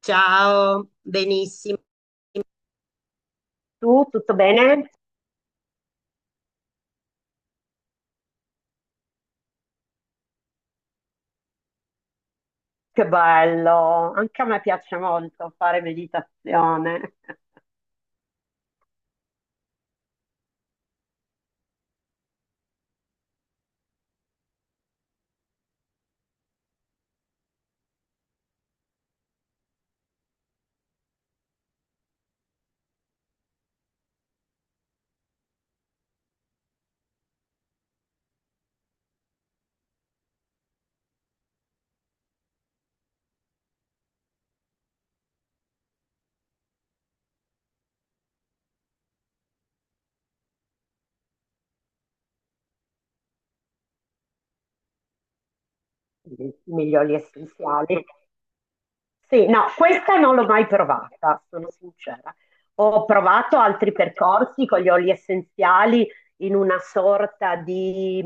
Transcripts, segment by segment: Ciao, benissimo. Tu, tutto bene? Che bello, anche a me piace molto fare meditazione, i migliori essenziali. Sì, no, questa non l'ho mai provata, sono sincera. Ho provato altri percorsi con gli oli essenziali in una sorta di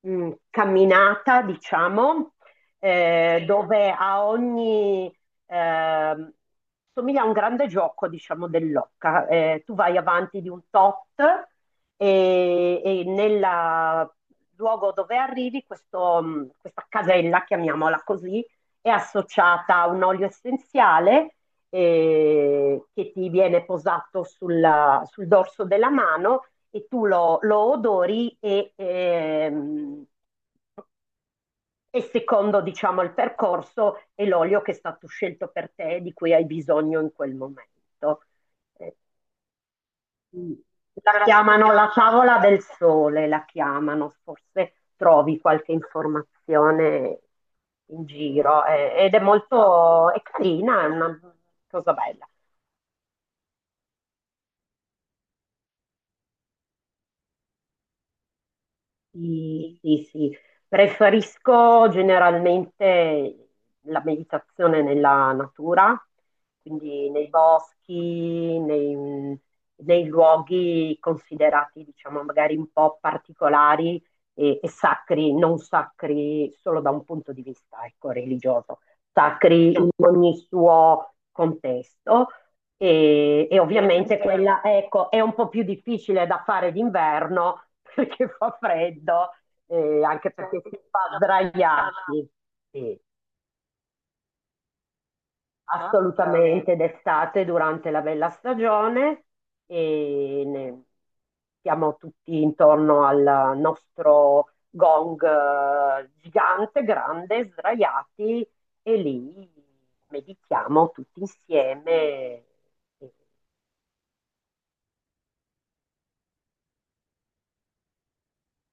camminata, diciamo, dove a ogni ehm, somiglia a un grande gioco, diciamo, dell'occa. Tu vai avanti di un tot e nel luogo dove arrivi, questo, questa casella, chiamiamola così, è associata a un olio essenziale che ti viene posato sul dorso della mano e tu lo odori e secondo diciamo il percorso è l'olio che è stato scelto per te e di cui hai bisogno in quel momento. Eh, Mm. La chiamano la favola del sole, la chiamano, forse trovi qualche informazione in giro ed è molto, è carina, è una cosa bella. Sì, sì, sì. Preferisco generalmente la meditazione nella natura, quindi nei boschi, nei luoghi considerati, diciamo, magari un po' particolari e sacri, non sacri solo da un punto di vista, ecco, religioso, sacri in ogni suo contesto. E ovviamente. Addirittura. Quella, ecco, è un po' più difficile da fare d'inverno perché fa freddo, anche perché si fa sdraiarsi. Sì, assolutamente d'estate durante la bella stagione e siamo tutti intorno al nostro gong gigante, grande, sdraiati e lì meditiamo tutti insieme. E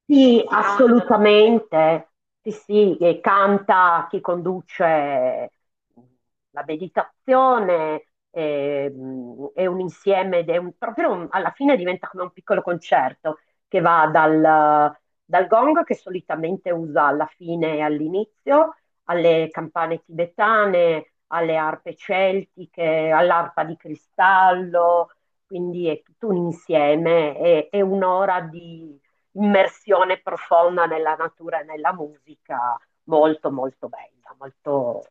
sì, canta, assolutamente. Sì, sì, e canta chi conduce la meditazione, è un insieme, ed è proprio alla fine diventa come un piccolo concerto che va dal gong che solitamente usa alla fine e all'inizio, alle campane tibetane, alle arpe celtiche, all'arpa di cristallo, quindi è tutto un insieme, è un'ora immersione profonda nella natura e nella musica, molto molto bella, molto.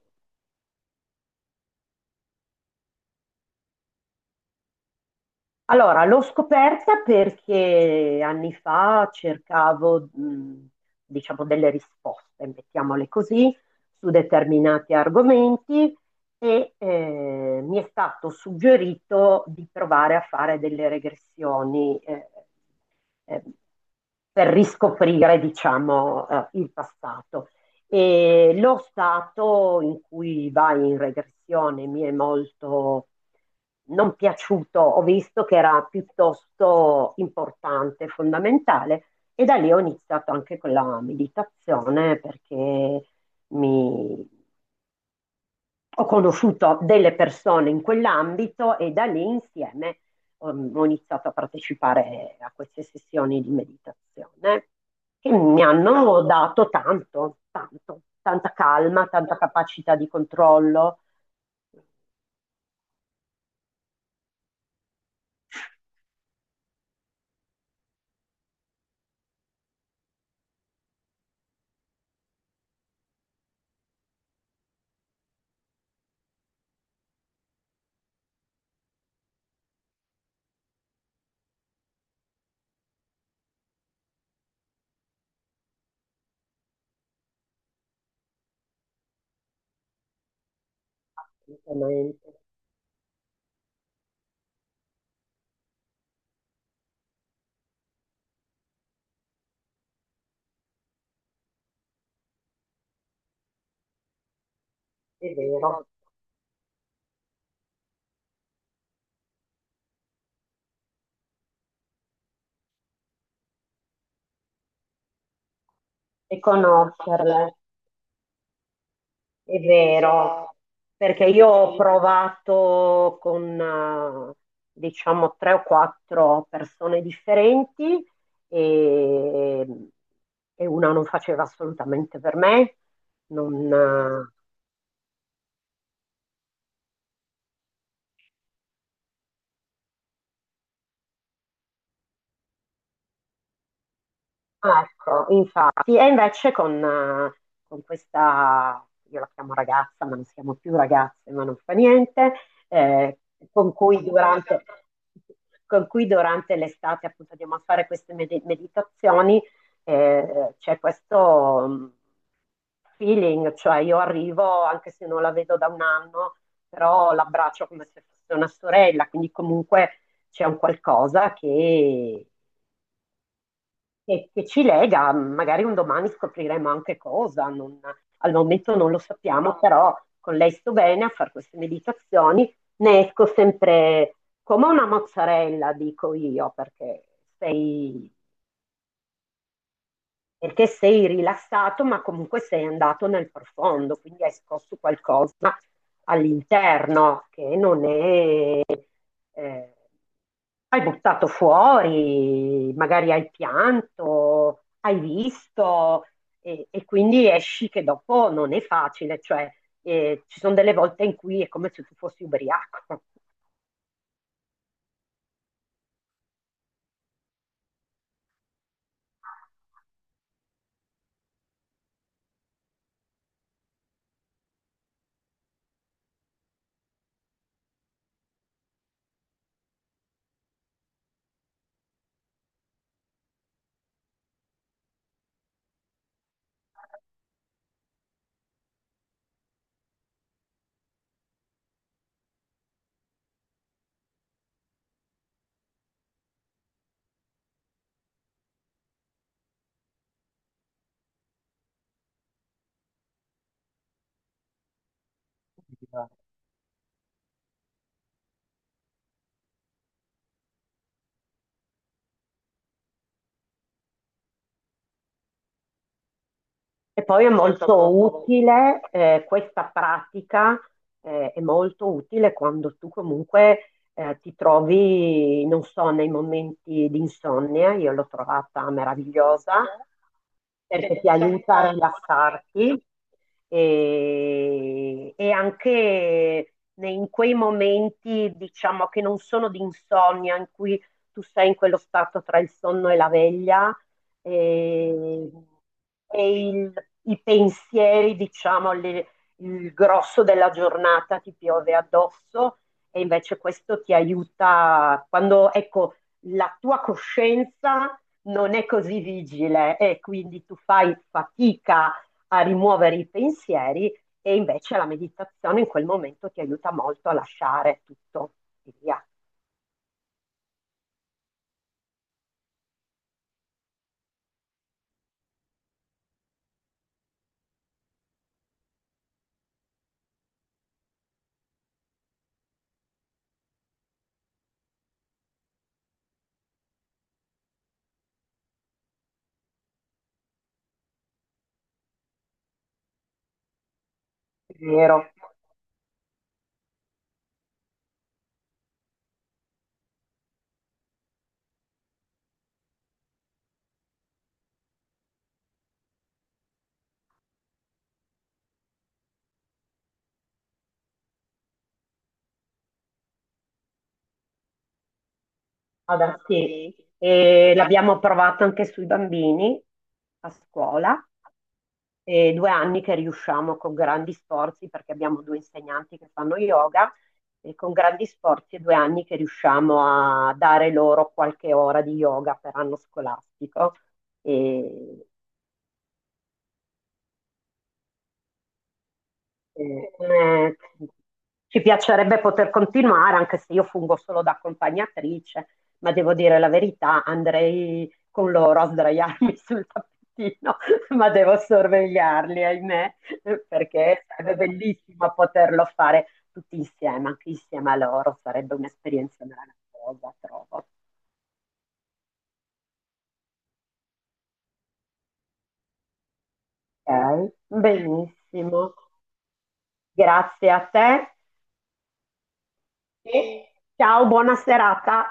Allora, l'ho scoperta perché anni fa cercavo, diciamo, delle risposte, mettiamole così, su determinati argomenti e mi è stato suggerito di provare a fare delle regressioni eh, per riscoprire, diciamo, il passato. E lo stato in cui vai in regressione mi è molto non piaciuto, ho visto che era piuttosto importante, fondamentale e da lì ho iniziato anche con la meditazione perché mi, ho conosciuto delle persone in quell'ambito e da lì insieme ho iniziato a partecipare a queste sessioni di meditazione che mi hanno dato tanto, tanto, tanta calma, tanta capacità di controllo, assolutamente, è vero, e conoscerle. È vero, perché io ho provato con, diciamo, tre o quattro persone differenti e, e una non faceva assolutamente per me, non, eh, ecco, infatti, e invece con questa, io la chiamo ragazza, ma non siamo più ragazze, ma non fa niente, eh, con cui durante, con cui durante l'estate appunto andiamo a fare queste meditazioni, c'è questo feeling, cioè io arrivo anche se non la vedo da un anno, però l'abbraccio come se fosse una sorella, quindi comunque c'è un qualcosa che ci lega, magari un domani scopriremo anche cosa, al momento non lo sappiamo, però con lei sto bene a fare queste meditazioni, ne esco sempre come una mozzarella, dico io, sei, perché sei rilassato, ma comunque sei andato nel profondo, quindi hai scosso qualcosa all'interno che non è eh, hai buttato fuori, magari hai pianto, hai visto e quindi esci che dopo non è facile, cioè ci sono delle volte in cui è come se tu fossi ubriaco. E poi è molto molto comodo. Utile, questa pratica, è molto utile quando tu comunque ti trovi, non so, nei momenti di insonnia, io l'ho trovata meravigliosa perché ti aiuta a rilassarti e anche in quei momenti, diciamo, che non sono di insonnia, in cui tu sei in quello stato tra il sonno e la veglia e, e i pensieri, diciamo, il grosso della giornata ti piove addosso e invece questo ti aiuta quando, ecco, la tua coscienza non è così vigile e quindi tu fai fatica a rimuovere i pensieri e invece la meditazione in quel momento ti aiuta molto a lasciare tutto e via. È vero. Ada, sì, e l'abbiamo provato anche sui bambini a scuola. E 2 anni che riusciamo con grandi sforzi, perché abbiamo due insegnanti che fanno yoga, e con grandi sforzi è 2 anni che riusciamo a dare loro qualche ora di yoga per anno scolastico. E Eh, eh, ci piacerebbe poter continuare, anche se io fungo solo da accompagnatrice, ma devo dire la verità, andrei con loro a sdraiarmi sul tappetino, ma devo sorvegliarli, ahimè, perché sarebbe bellissimo poterlo fare tutti insieme, anche insieme a loro, sarebbe un'esperienza meravigliosa, trovo. Ok, benissimo. Grazie a te e ciao, buona serata.